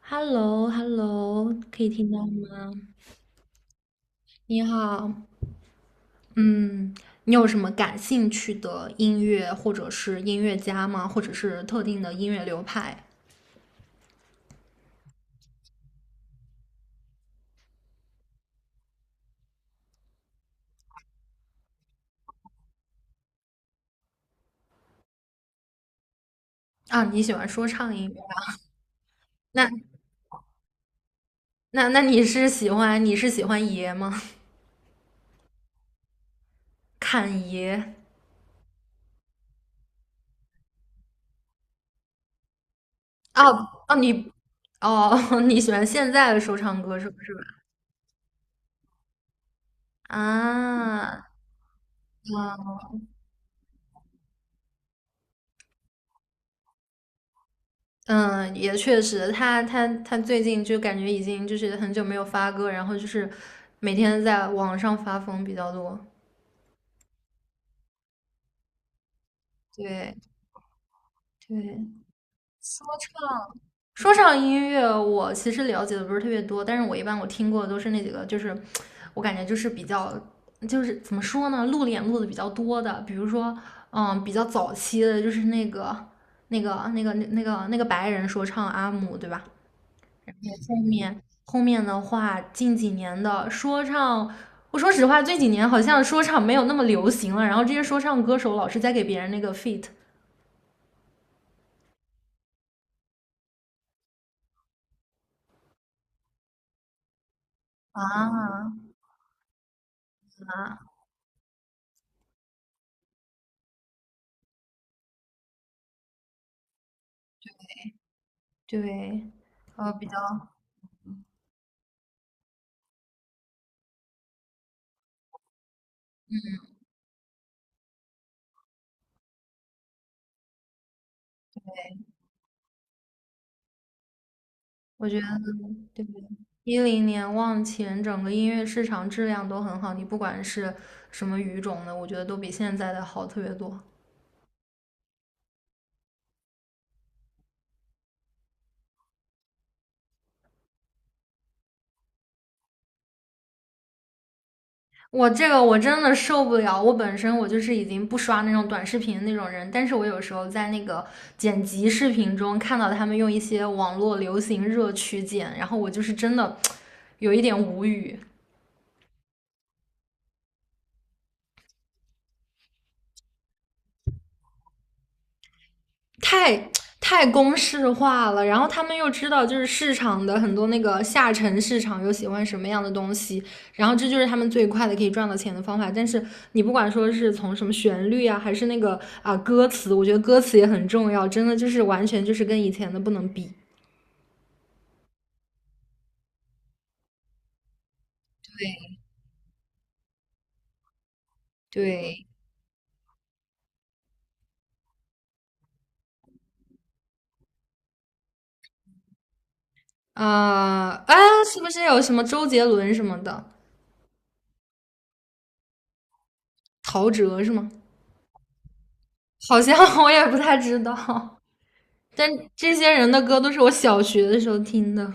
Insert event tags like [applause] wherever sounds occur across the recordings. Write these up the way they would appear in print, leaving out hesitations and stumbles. h e l l o h e l l o 可以听到吗？你好，嗯，你有什么感兴趣的音乐或者是音乐家吗？或者是特定的音乐流派啊？你喜欢说唱音乐？那那你是喜欢爷吗？[laughs] 侃爷？哦哦，哦，[laughs] 你喜欢现在的说唱歌手是吧？啊，嗯，也确实，他最近就感觉已经就是很久没有发歌，然后就是每天在网上发疯比较多。对对，说唱说唱音乐我其实了解的不是特别多，但是我一般我听过的都是那几个，就是我感觉就是比较就是怎么说呢，露脸露的比较多的，比如说比较早期的就是那个白人说唱阿姆，对吧？后面的话，近几年的说唱，我说实话，这几年好像说唱没有那么流行了，然后这些说唱歌手老是在给别人那个 feat 啊啊，对，比较，我觉得对对2010年往前，整个音乐市场质量都很好，你不管是什么语种的，我觉得都比现在的好特别多。我这个我真的受不了，我本身我就是已经不刷那种短视频那种人，但是我有时候在那个剪辑视频中看到他们用一些网络流行热曲剪，然后我就是真的有一点无语。太太公式化了，然后他们又知道就是市场的很多那个下沉市场又喜欢什么样的东西，然后这就是他们最快的可以赚到钱的方法。但是你不管说是从什么旋律啊，还是那个啊歌词，我觉得歌词也很重要，真的就是完全就是跟以前的不能比。对对啊，哎，是不是有什么周杰伦什么的，陶喆是吗？好像 [laughs] 我也不太知道，但这些人的歌都是我小学的时候听的。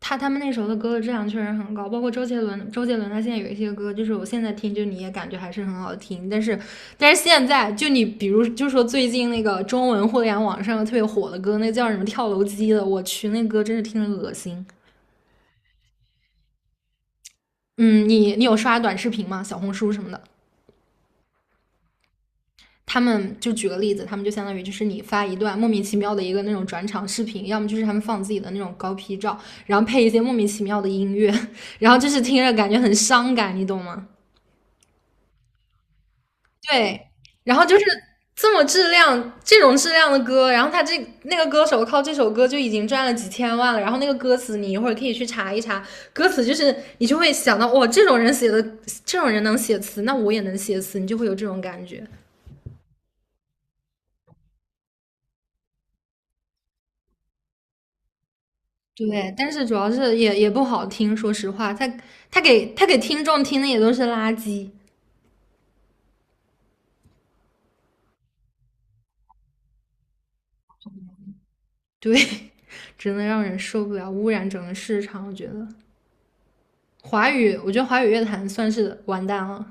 他们那时候的歌的质量确实很高，包括周杰伦，周杰伦他现在有一些歌，就是我现在听，就你也感觉还是很好听。但是现在就你比如就说最近那个中文互联网上特别火的歌，那叫什么跳楼机的，我去，那歌真是听着恶心。嗯，你有刷短视频吗？小红书什么的？他们就举个例子，他们就相当于就是你发一段莫名其妙的一个那种转场视频，要么就是他们放自己的那种高 P 照，然后配一些莫名其妙的音乐，[laughs] 然后就是听着感觉很伤感，你懂吗？对，然后就是这么质量，这种质量的歌，然后他这那个歌手靠这首歌就已经赚了几千万了，然后那个歌词你一会儿可以去查一查，歌词就是你就会想到，哇，这种人写的，这种人能写词，那我也能写词，你就会有这种感觉。对，但是主要是也不好听，说实话，他给听众听的也都是垃圾，对，[laughs] 真的让人受不了，污染整个市场，我觉得华语，我觉得华语乐坛算是完蛋了，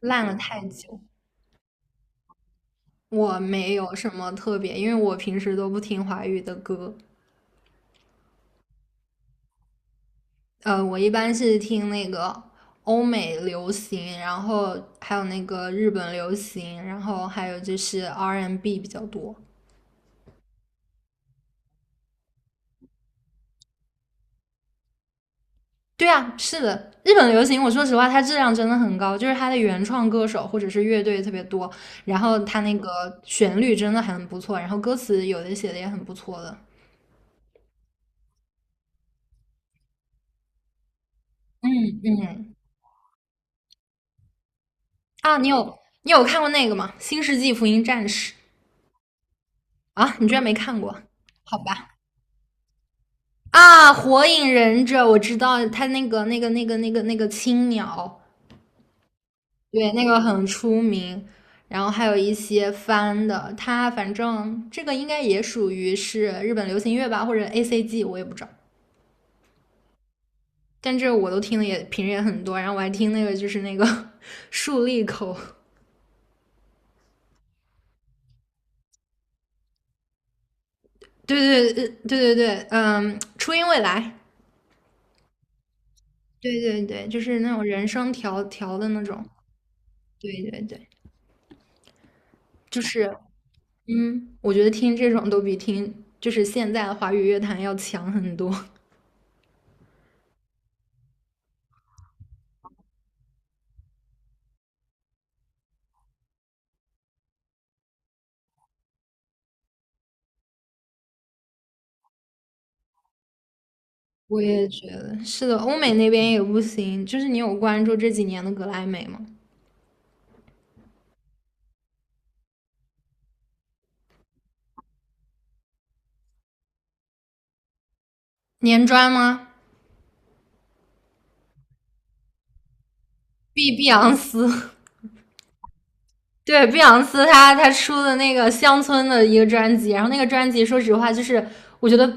烂了太久。我没有什么特别，因为我平时都不听华语的歌，我一般是听那个欧美流行，然后还有那个日本流行，然后还有就是 R&B n 比较多。对啊，是的，日本流行，我说实话，它质量真的很高，就是它的原创歌手或者是乐队特别多，然后它那个旋律真的很不错，然后歌词有的写的也很不错的啊。你有看过那个吗？《新世纪福音战士》啊？你居然没看过？好吧。啊，火影忍者我知道，他那个青鸟，对，那个很出名。然后还有一些翻的，他反正这个应该也属于是日本流行乐吧，或者 ACG，我也不知道。但这我都听的也平时也很多，然后我还听那个就是那个 [laughs] 竖立口，对对对对对对，初音未来，对对对，就是那种人声调调的那种，对对对，就是我觉得听这种都比听就是现在的华语乐坛要强很多。[laughs] 我也觉得是的，欧美那边也不行。就是你有关注这几年的格莱美吗？年专吗？碧昂斯，[laughs] 对，碧昂斯她出的那个乡村的一个专辑，然后那个专辑说实话就是我觉得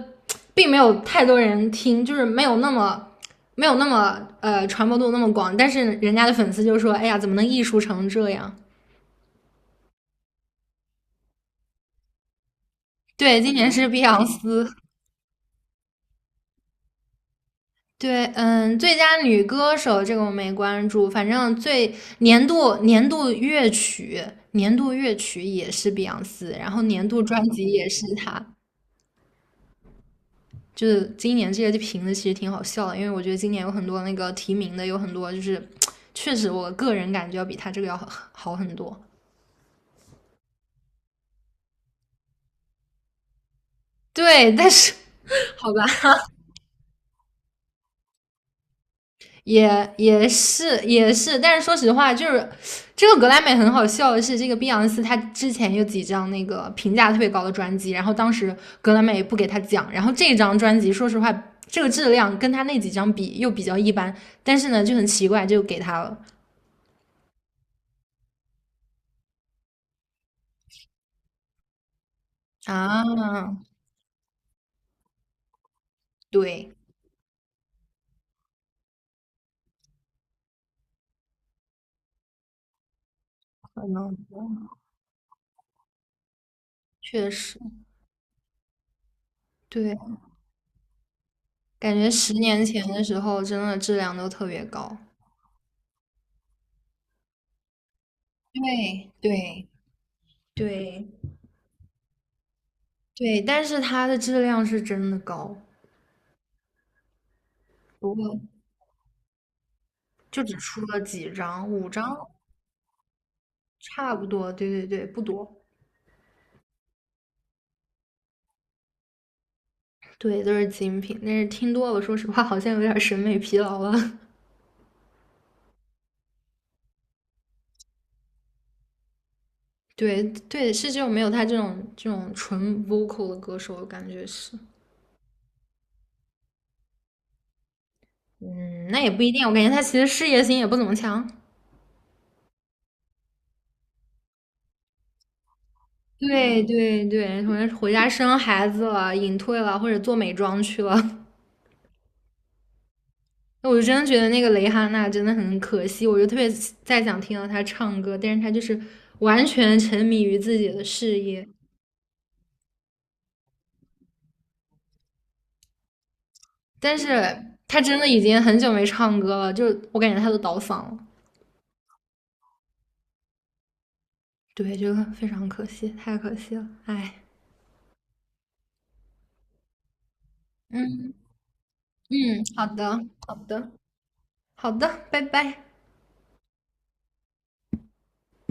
并没有太多人听，就是没有那么传播度那么广，但是人家的粉丝就说，哎呀，怎么能艺术成这样？对，今年是碧昂斯，对，最佳女歌手这个我没关注，反正最年度年度乐曲，年度乐曲也是碧昂斯，然后年度专辑也是她。就是今年这些评的其实挺好笑的，因为我觉得今年有很多那个提名的有很多，就是确实我个人感觉要比她这个要好很多。对，但是 [laughs] 好吧，也是也是，但是说实话，就是这个格莱美很好笑的是，这个碧昂斯她之前有几张那个评价特别高的专辑，然后当时格莱美不给他讲，然后这张专辑说实话，这个质量跟他那几张比又比较一般，但是呢就很奇怪就给他了啊，对，可能确实对，感觉10年前的时候真的质量都特别高，对对对对，但是它的质量是真的高，不过。就只出了几张，五张差不多，对对对，不多，对，都是精品。但是听多了，说实话，好像有点审美疲劳了。[laughs] 对对，是这种没有他这种纯 vocal 的歌手，我感觉是，嗯，那也不一定，我感觉他其实事业心也不怎么强。对对对，可能回家生孩子了，隐退了，或者做美妆去了。[laughs] 那我就真的觉得那个蕾哈娜真的很可惜，我就特别再想听到她唱歌，但是她就是完全沉迷于自己的事业。但是他真的已经很久没唱歌了，就我感觉他都倒嗓了。对，这个非常可惜，太可惜了，哎，嗯嗯，好的，好的，好的，拜拜。